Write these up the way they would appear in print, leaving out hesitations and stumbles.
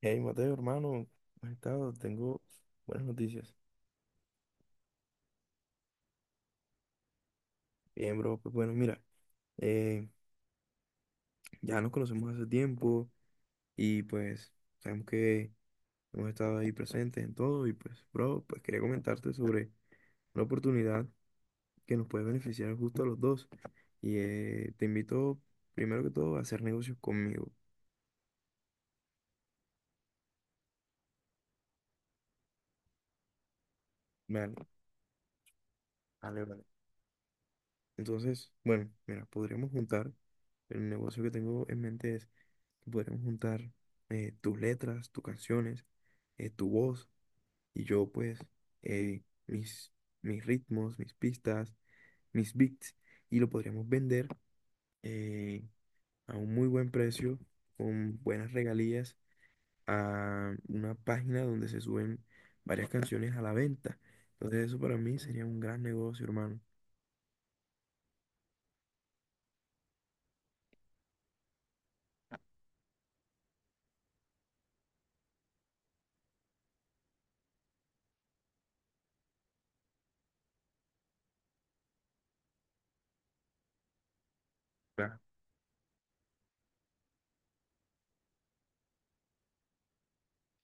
Hey, Mateo, hermano, ¿cómo has estado? Tengo buenas noticias. Bien, bro, pues bueno, mira, eh, ya nos conocemos hace tiempo y pues sabemos que hemos estado ahí presentes en todo y pues, bro, pues quería comentarte sobre una oportunidad que nos puede beneficiar justo a los dos y te invito primero que todo a hacer negocios conmigo. Vale, vale, vale. Entonces, bueno, mira, podríamos juntar, el negocio que tengo en mente es que podríamos juntar tus letras, tus canciones, tu voz y yo pues eh, mis, mis ritmos, mis pistas, mis beats y lo podríamos vender eh, a un muy buen precio, con buenas regalías, a una página donde se suben varias canciones a la venta. Entonces eso para mí sería un gran negocio, hermano.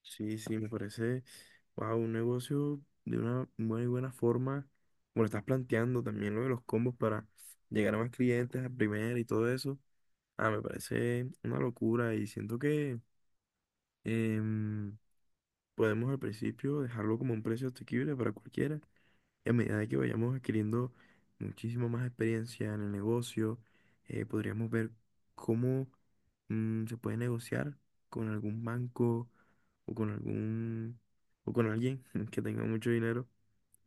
Sí, sí, me parece, wow, un negocio de una muy buena forma, como lo estás planteando también lo de los combos para llegar a más clientes a primera y todo eso. Ah, me parece una locura y siento que em, podemos al principio dejarlo como un precio asequible para cualquiera y a medida de que vayamos adquiriendo muchísimo más experiencia en el negocio, podríamos ver cómo se puede negociar con algún banco o con algún o con alguien que tenga mucho dinero.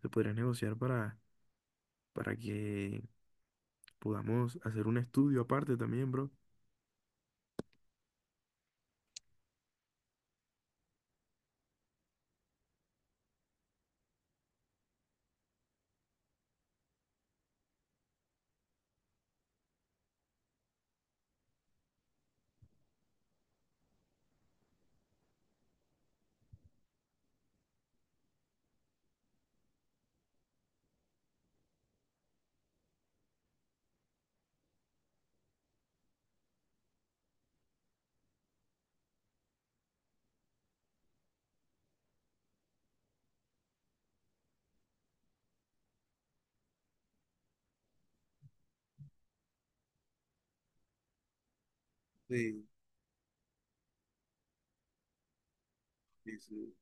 Se podría negociar para que podamos hacer un estudio aparte también, bro. Sí, sí, sí.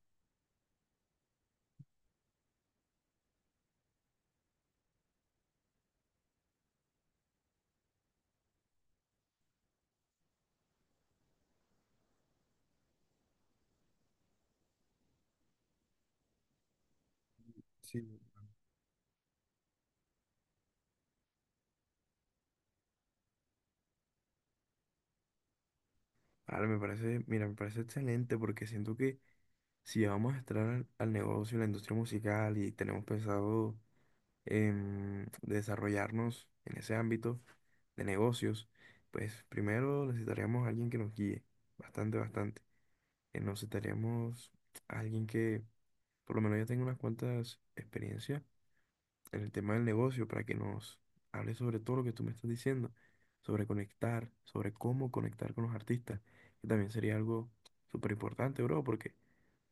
Sí. Ahora me parece, mira, me parece excelente porque siento que si vamos a entrar al, al negocio, a la industria musical y tenemos pensado desarrollarnos en ese ámbito de negocios, pues primero necesitaríamos a alguien que nos guíe, bastante, bastante. Necesitaríamos a alguien que por lo menos ya tenga unas cuantas experiencias en el tema del negocio para que nos hable sobre todo lo que tú me estás diciendo, sobre conectar, sobre cómo conectar con los artistas, que también sería algo súper importante, bro, porque...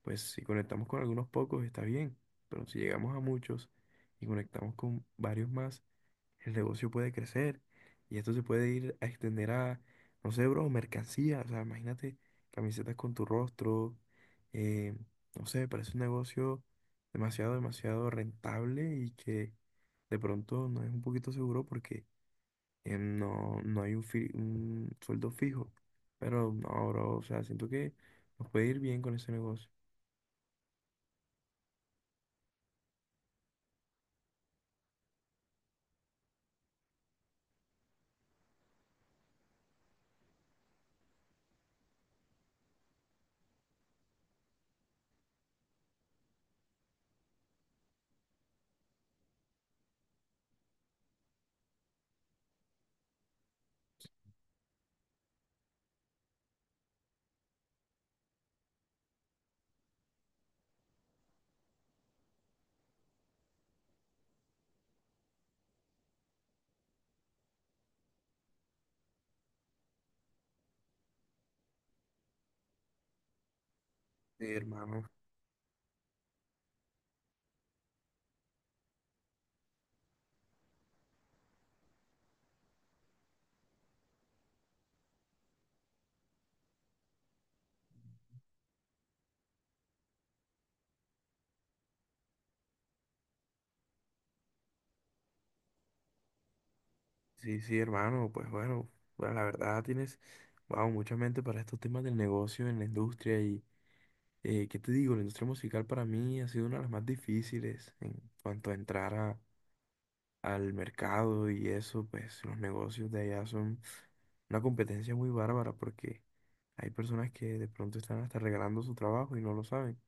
Pues si conectamos con algunos pocos está bien, pero si llegamos a muchos y conectamos con varios más, el negocio puede crecer y esto se puede ir a extender a, no sé, bro, mercancía. O sea, imagínate camisetas con tu rostro. eh, no sé, parece un negocio demasiado, demasiado rentable y que de pronto no es un poquito seguro porque no hay un, un sueldo fijo. Pero no, bro, o sea, siento que nos puede ir bien con ese negocio. Sí, hermano. Sí, sí, hermano, pues bueno, bueno, la verdad tienes, wow, mucha mente para estos temas del negocio en la industria y, ¿qué te digo? La industria musical para mí ha sido una de las más difíciles en cuanto a al mercado y eso, pues los negocios de allá son una competencia muy bárbara porque hay personas que de pronto están hasta regalando su trabajo y no lo saben.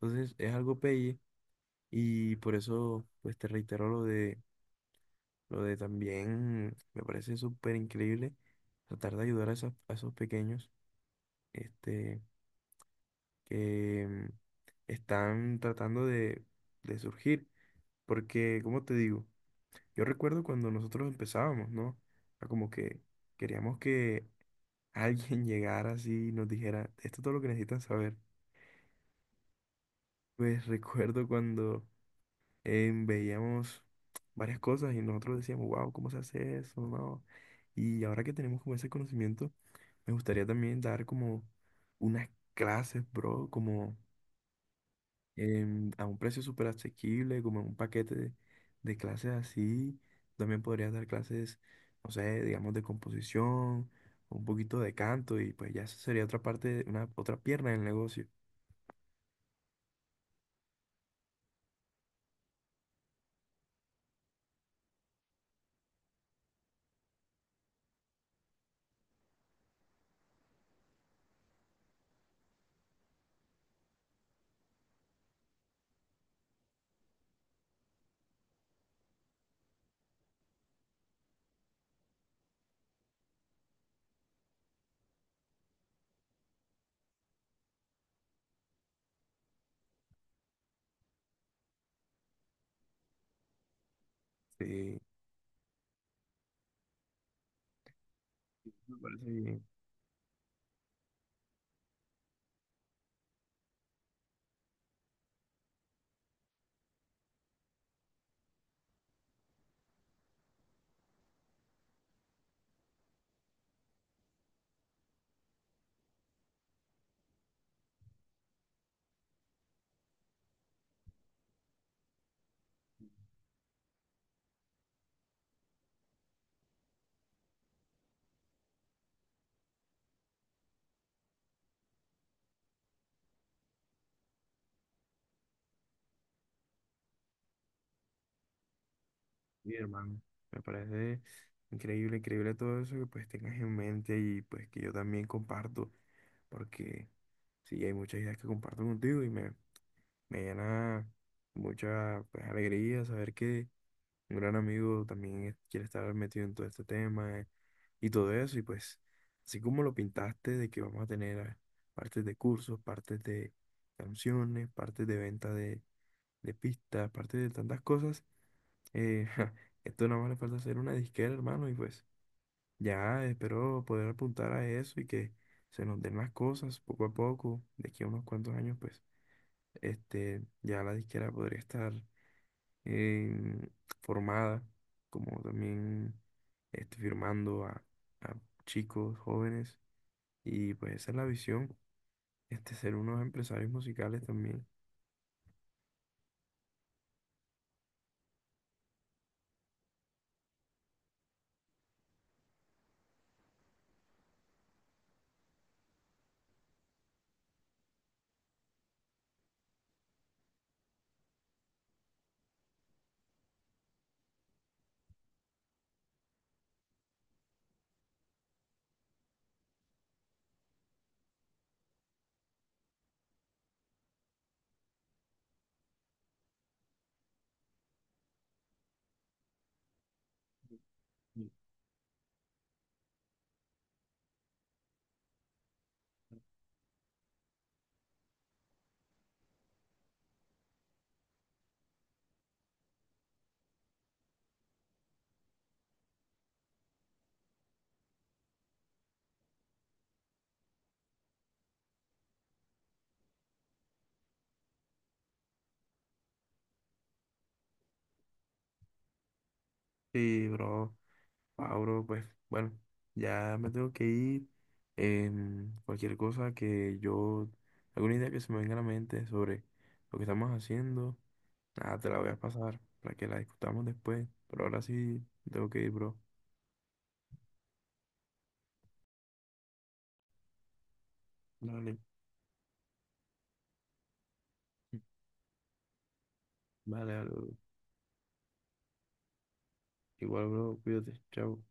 Entonces es algo pelle y por eso, pues te reitero lo de lo de también, me parece súper increíble tratar de ayudar a, a esos pequeños este, que están tratando de surgir. Porque, como te digo, yo recuerdo cuando nosotros empezábamos, ¿no? Era como que queríamos que alguien llegara así y nos dijera, esto es todo lo que necesitan saber. Pues recuerdo cuando veíamos varias cosas y nosotros decíamos, wow, ¿cómo se hace eso? No. Y ahora que tenemos como ese conocimiento, me gustaría también dar como unas clases, bro, como a un precio súper asequible, como en un paquete de clases así. También podrías dar clases, no sé, digamos de composición, un poquito de canto y pues ya eso sería otra parte, una otra pierna del negocio. Sí, me parece bien. Sí, hermano, me parece increíble, increíble todo eso que pues tengas en mente y pues que yo también comparto, porque sí, hay muchas ideas que comparto contigo y me llena mucha pues, alegría saber que un gran amigo también quiere estar metido en todo este tema y todo eso y pues así como lo pintaste de que vamos a tener partes de cursos, partes de canciones, partes de venta de pistas, partes de tantas cosas. Ja, esto nada más le falta hacer una disquera, hermano, y pues ya espero poder apuntar a eso y que se nos den las cosas poco a poco. De aquí a unos cuantos años, pues, este, ya la disquera podría estar em, formada, como también este, firmando a chicos jóvenes. Y pues esa es la visión, este, ser unos empresarios musicales también. Sí, bro. Ah, bro, pues bueno, ya me tengo que ir. Cualquier cosa que yo, alguna idea que se me venga a la mente sobre lo que estamos haciendo, nada, te la voy a pasar para que la discutamos después. Pero ahora sí, tengo que ir, bro. Dale. Mm. Vale, bro. Igual, bro, cuídate. Chao.